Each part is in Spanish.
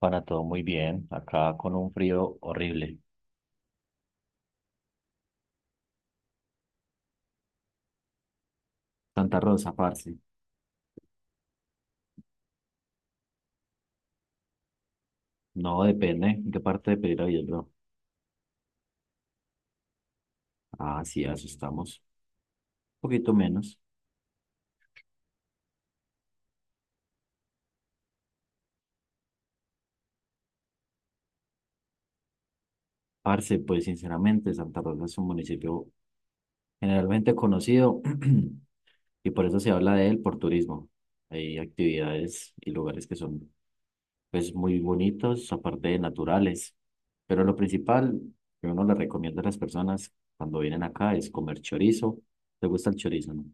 Para todo muy bien, acá con un frío horrible. Santa Rosa, parce. No depende en qué parte de Pereira, bro. Ah, sí, asustamos. Un poquito menos. Parce, pues sinceramente, Santa Rosa es un municipio generalmente conocido y por eso se habla de él por turismo. Hay actividades y lugares que son pues muy bonitos, aparte de naturales. Pero lo principal que uno le recomienda a las personas cuando vienen acá es comer chorizo. ¿Te gusta el chorizo, no?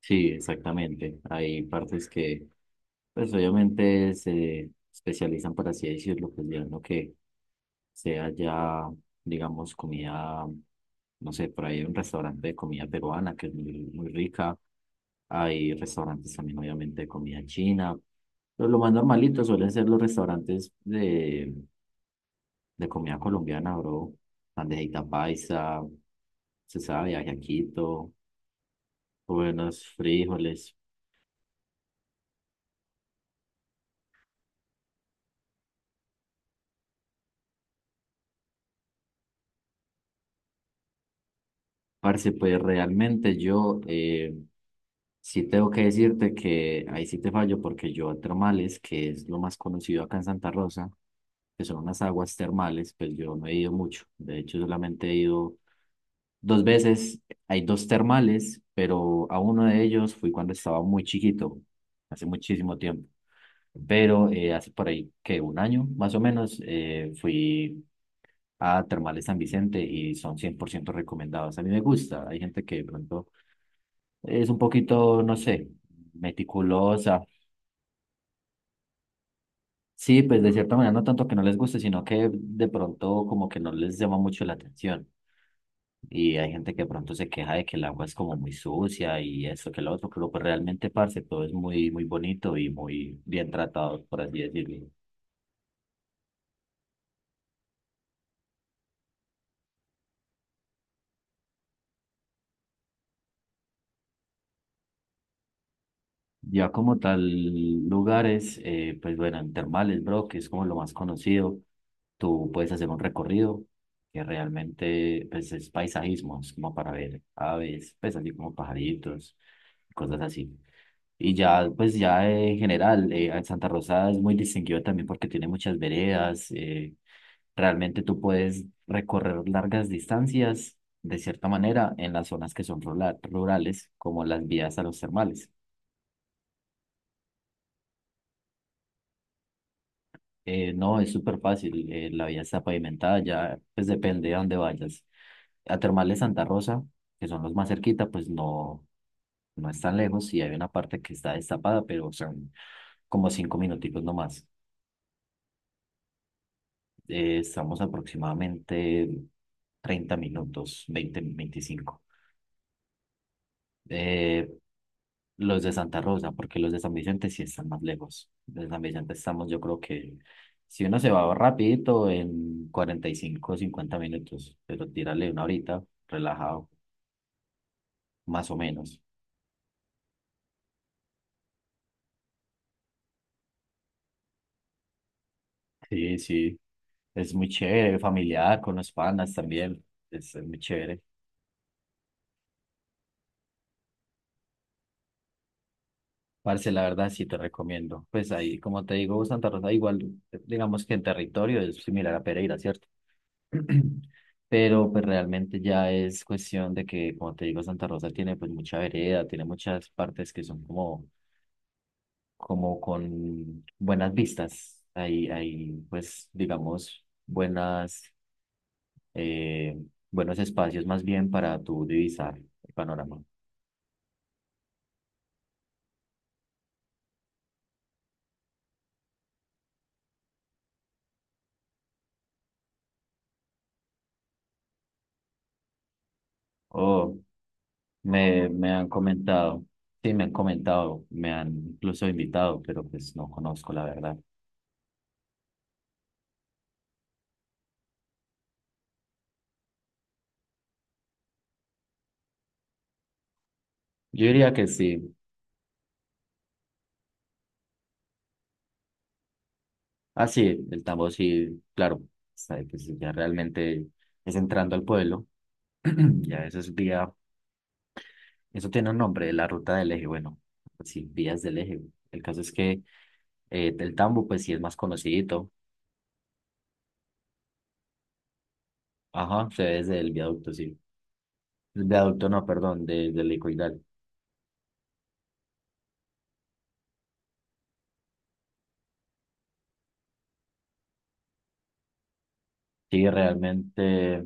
Sí, exactamente. Hay partes que, pues obviamente se especializan, por así decirlo, pues ya en lo que sea ya, digamos, comida, no sé, por ahí hay un restaurante de comida peruana que es muy, muy rica. Hay restaurantes también, obviamente, de comida china. Pero lo más normalito suelen ser los restaurantes de comida colombiana, bro. Bandejita paisa, se sabe, ajiaquito, buenos frijoles. Parce, pues realmente yo sí tengo que decirte que ahí sí te fallo porque yo a termales, que es lo más conocido acá en Santa Rosa, que son unas aguas termales, pues yo no he ido mucho. De hecho, solamente he ido dos veces. Hay dos termales, pero a uno de ellos fui cuando estaba muy chiquito, hace muchísimo tiempo. Pero hace por ahí que un año más o menos fui a Termales San Vicente y son 100% recomendados. A mí me gusta, hay gente que de pronto es un poquito, no sé, meticulosa. Sí, pues de cierta manera no tanto que no les guste, sino que de pronto como que no les llama mucho la atención. Y hay gente que de pronto se queja de que el agua es como muy sucia y eso que lo otro, pero pues realmente, parce, todo es muy, muy bonito y muy bien tratado, por así decirlo. Ya como tal, lugares, pues bueno, en Termales, bro, que es como lo más conocido. Tú puedes hacer un recorrido que realmente pues, es paisajismo, es como para ver aves, pues así como pajaritos, cosas así. Y ya, pues ya en general, Santa Rosa es muy distinguido también porque tiene muchas veredas. Realmente tú puedes recorrer largas distancias de cierta manera en las zonas que son rurales, como las vías a los termales. No, es súper fácil, la vía está pavimentada, ya pues depende de dónde vayas. A Termal de Santa Rosa, que son los más cerquita, pues no, no es tan lejos y hay una parte que está destapada, pero son como cinco minutitos nomás. Estamos aproximadamente 30 minutos, 20 25. Eh, los de Santa Rosa, porque los de San Vicente sí están más lejos. De San Vicente estamos, yo creo que si uno se va rapidito en 45, 50 minutos, pero tírale una horita, relajado, más o menos. Sí, sí. Es muy chévere, familiar, con los panas también. Es muy chévere. Parce, la verdad, sí te recomiendo. Pues ahí, como te digo, Santa Rosa, igual, digamos que en territorio es similar a Pereira, ¿cierto? Pero pues realmente ya es cuestión de que, como te digo, Santa Rosa tiene pues mucha vereda, tiene muchas partes que son como, como con buenas vistas. Hay pues, digamos, buenas, eh, buenos espacios más bien para tu divisar el panorama. Oh. Me han comentado, sí, me han comentado, me han incluso invitado, pero pues no conozco la verdad. Yo diría que sí. Ah, sí, el tambo sí, claro. Sabe que sí, ya realmente es entrando al pueblo. Ya eso es vía, eso tiene un nombre, la ruta del eje. Bueno, pues sí, vías del eje. El caso es que el tambo, pues sí es más conocidito. Ajá, se ve desde el viaducto, sí. El viaducto, no, perdón, desde el Licoidal. Sí, realmente.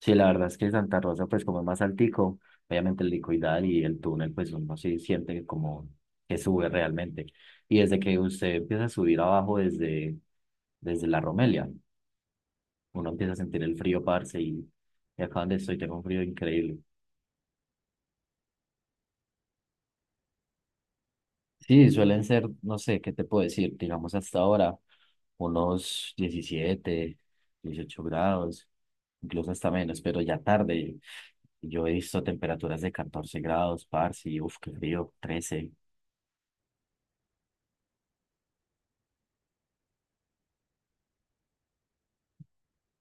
Sí, la verdad es que Santa Rosa, pues como es más altico, obviamente el licoidal y el túnel, pues uno sí siente que como que sube realmente. Y desde que usted empieza a subir abajo desde la Romelia, uno empieza a sentir el frío, parce, y acá donde estoy tengo un frío increíble. Sí, suelen ser, no sé, ¿qué te puedo decir? Digamos hasta ahora, unos 17 18 grados, incluso hasta menos, pero ya tarde. Yo he visto temperaturas de 14 grados, parce, y uff, qué frío, 13.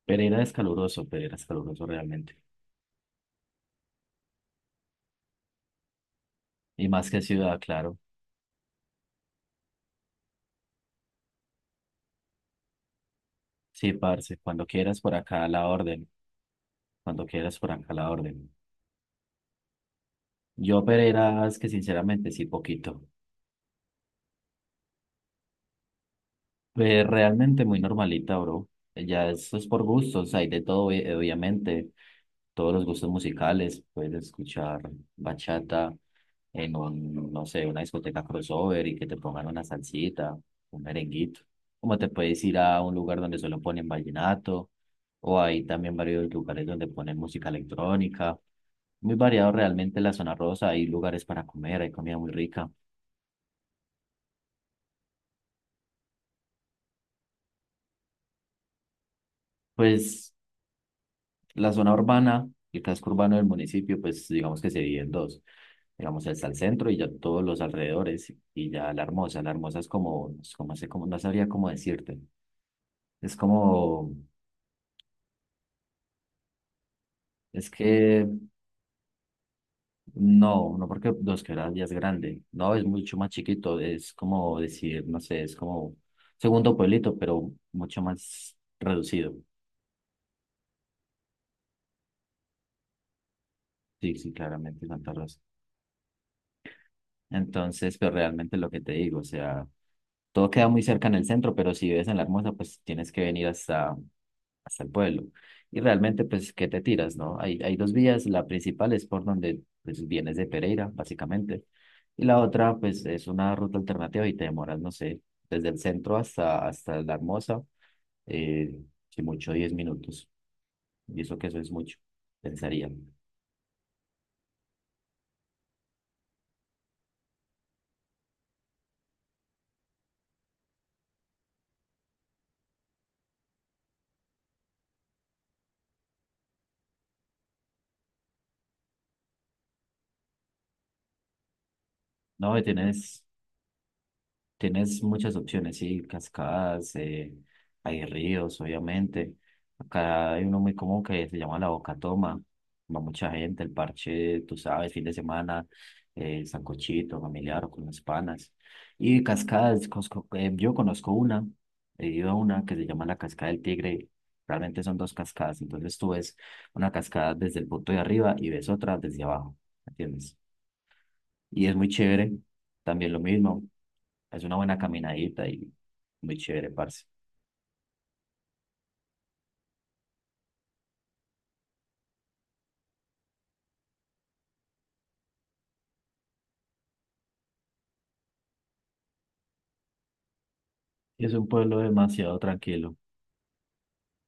Pereira es caluroso realmente. Y más que ciudad, claro. Sí, parce, cuando quieras por acá a la orden, cuando quieras por acá a la orden. Yo Pereira es que sinceramente sí, poquito. Realmente muy normalita, bro. Ya eso es por gustos, hay de todo, obviamente, todos los gustos musicales, puedes escuchar bachata en un, no sé, una discoteca crossover y que te pongan una salsita, un merenguito. Como te puedes ir a un lugar donde solo ponen vallenato, o hay también varios lugares donde ponen música electrónica. Muy variado realmente la zona rosa, hay lugares para comer, hay comida muy rica. Pues la zona urbana, el casco urbano del municipio, pues digamos que se divide en dos. Digamos, está el centro y ya todos los alrededores y ya la hermosa. La hermosa es como, sé cómo- no sabría cómo decirte. Es como, es que no, no porque Dos Quebradas ya es grande. No, es mucho más chiquito. Es como decir, no sé, es como segundo pueblito, pero mucho más reducido. Sí, sí, claramente Santa Rosa. Entonces, pero realmente lo que te digo, o sea, todo queda muy cerca en el centro, pero si vives en La Hermosa, pues tienes que venir hasta, hasta el pueblo. Y realmente, pues, ¿qué te tiras, no? Hay dos vías. La principal es por donde pues, vienes de Pereira, básicamente. Y la otra, pues, es una ruta alternativa y te demoras, no sé, desde el centro hasta, hasta La Hermosa, eh, si mucho, 10 minutos. Y eso que eso es mucho, pensaría. No, tienes muchas opciones, sí, cascadas, hay ríos, obviamente. Acá hay uno muy común que se llama La Boca Toma. Va mucha gente, el parche, tú sabes, fin de semana, sancochito, familiar o con las panas. Y cascadas, yo conozco una, he ido a una que se llama la Cascada del Tigre. Realmente son dos cascadas, entonces tú ves una cascada desde el punto de arriba y ves otra desde abajo, ¿entiendes? Y es muy chévere, también lo mismo. Es una buena caminadita y muy chévere, parce. Y es un pueblo demasiado tranquilo.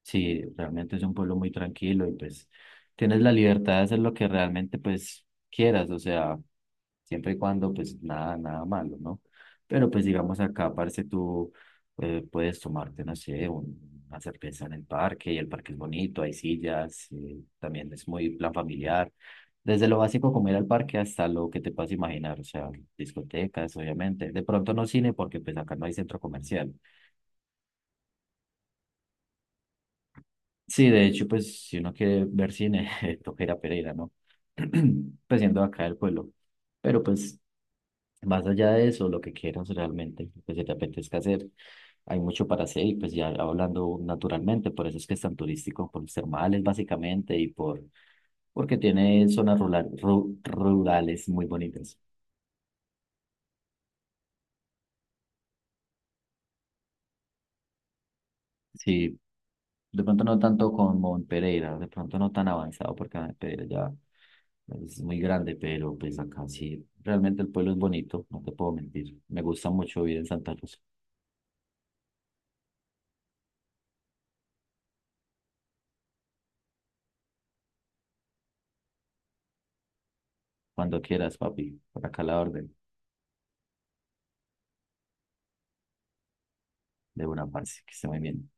Sí, realmente es un pueblo muy tranquilo y pues tienes la libertad de hacer lo que realmente pues quieras. O sea, siempre y cuando pues nada, nada malo, ¿no? Pero pues digamos acá, parce, tú puedes tomarte, no sé, una cerveza en el parque y el parque es bonito, hay sillas, también es muy plan familiar. Desde lo básico como ir al parque hasta lo que te puedas imaginar, o sea, discotecas, obviamente. De pronto no cine porque pues acá no hay centro comercial. Sí, de hecho, pues si uno quiere ver cine, toca ir a Pereira, ¿no? Pues siendo acá el pueblo. Pero pues más allá de eso, lo que quieras realmente, lo que se te apetezca hacer, hay mucho para hacer y pues ya hablando naturalmente, por eso es que es tan turístico, por los termales básicamente y por, porque tiene zonas rurales muy bonitas. Sí, de pronto no tanto como en Pereira, de pronto no tan avanzado porque en Pereira ya es muy grande, pero pues acá sí, realmente el pueblo es bonito, no te puedo mentir. Me gusta mucho vivir en Santa Cruz. Cuando quieras, papi, por acá la orden de una parte, que esté muy bien.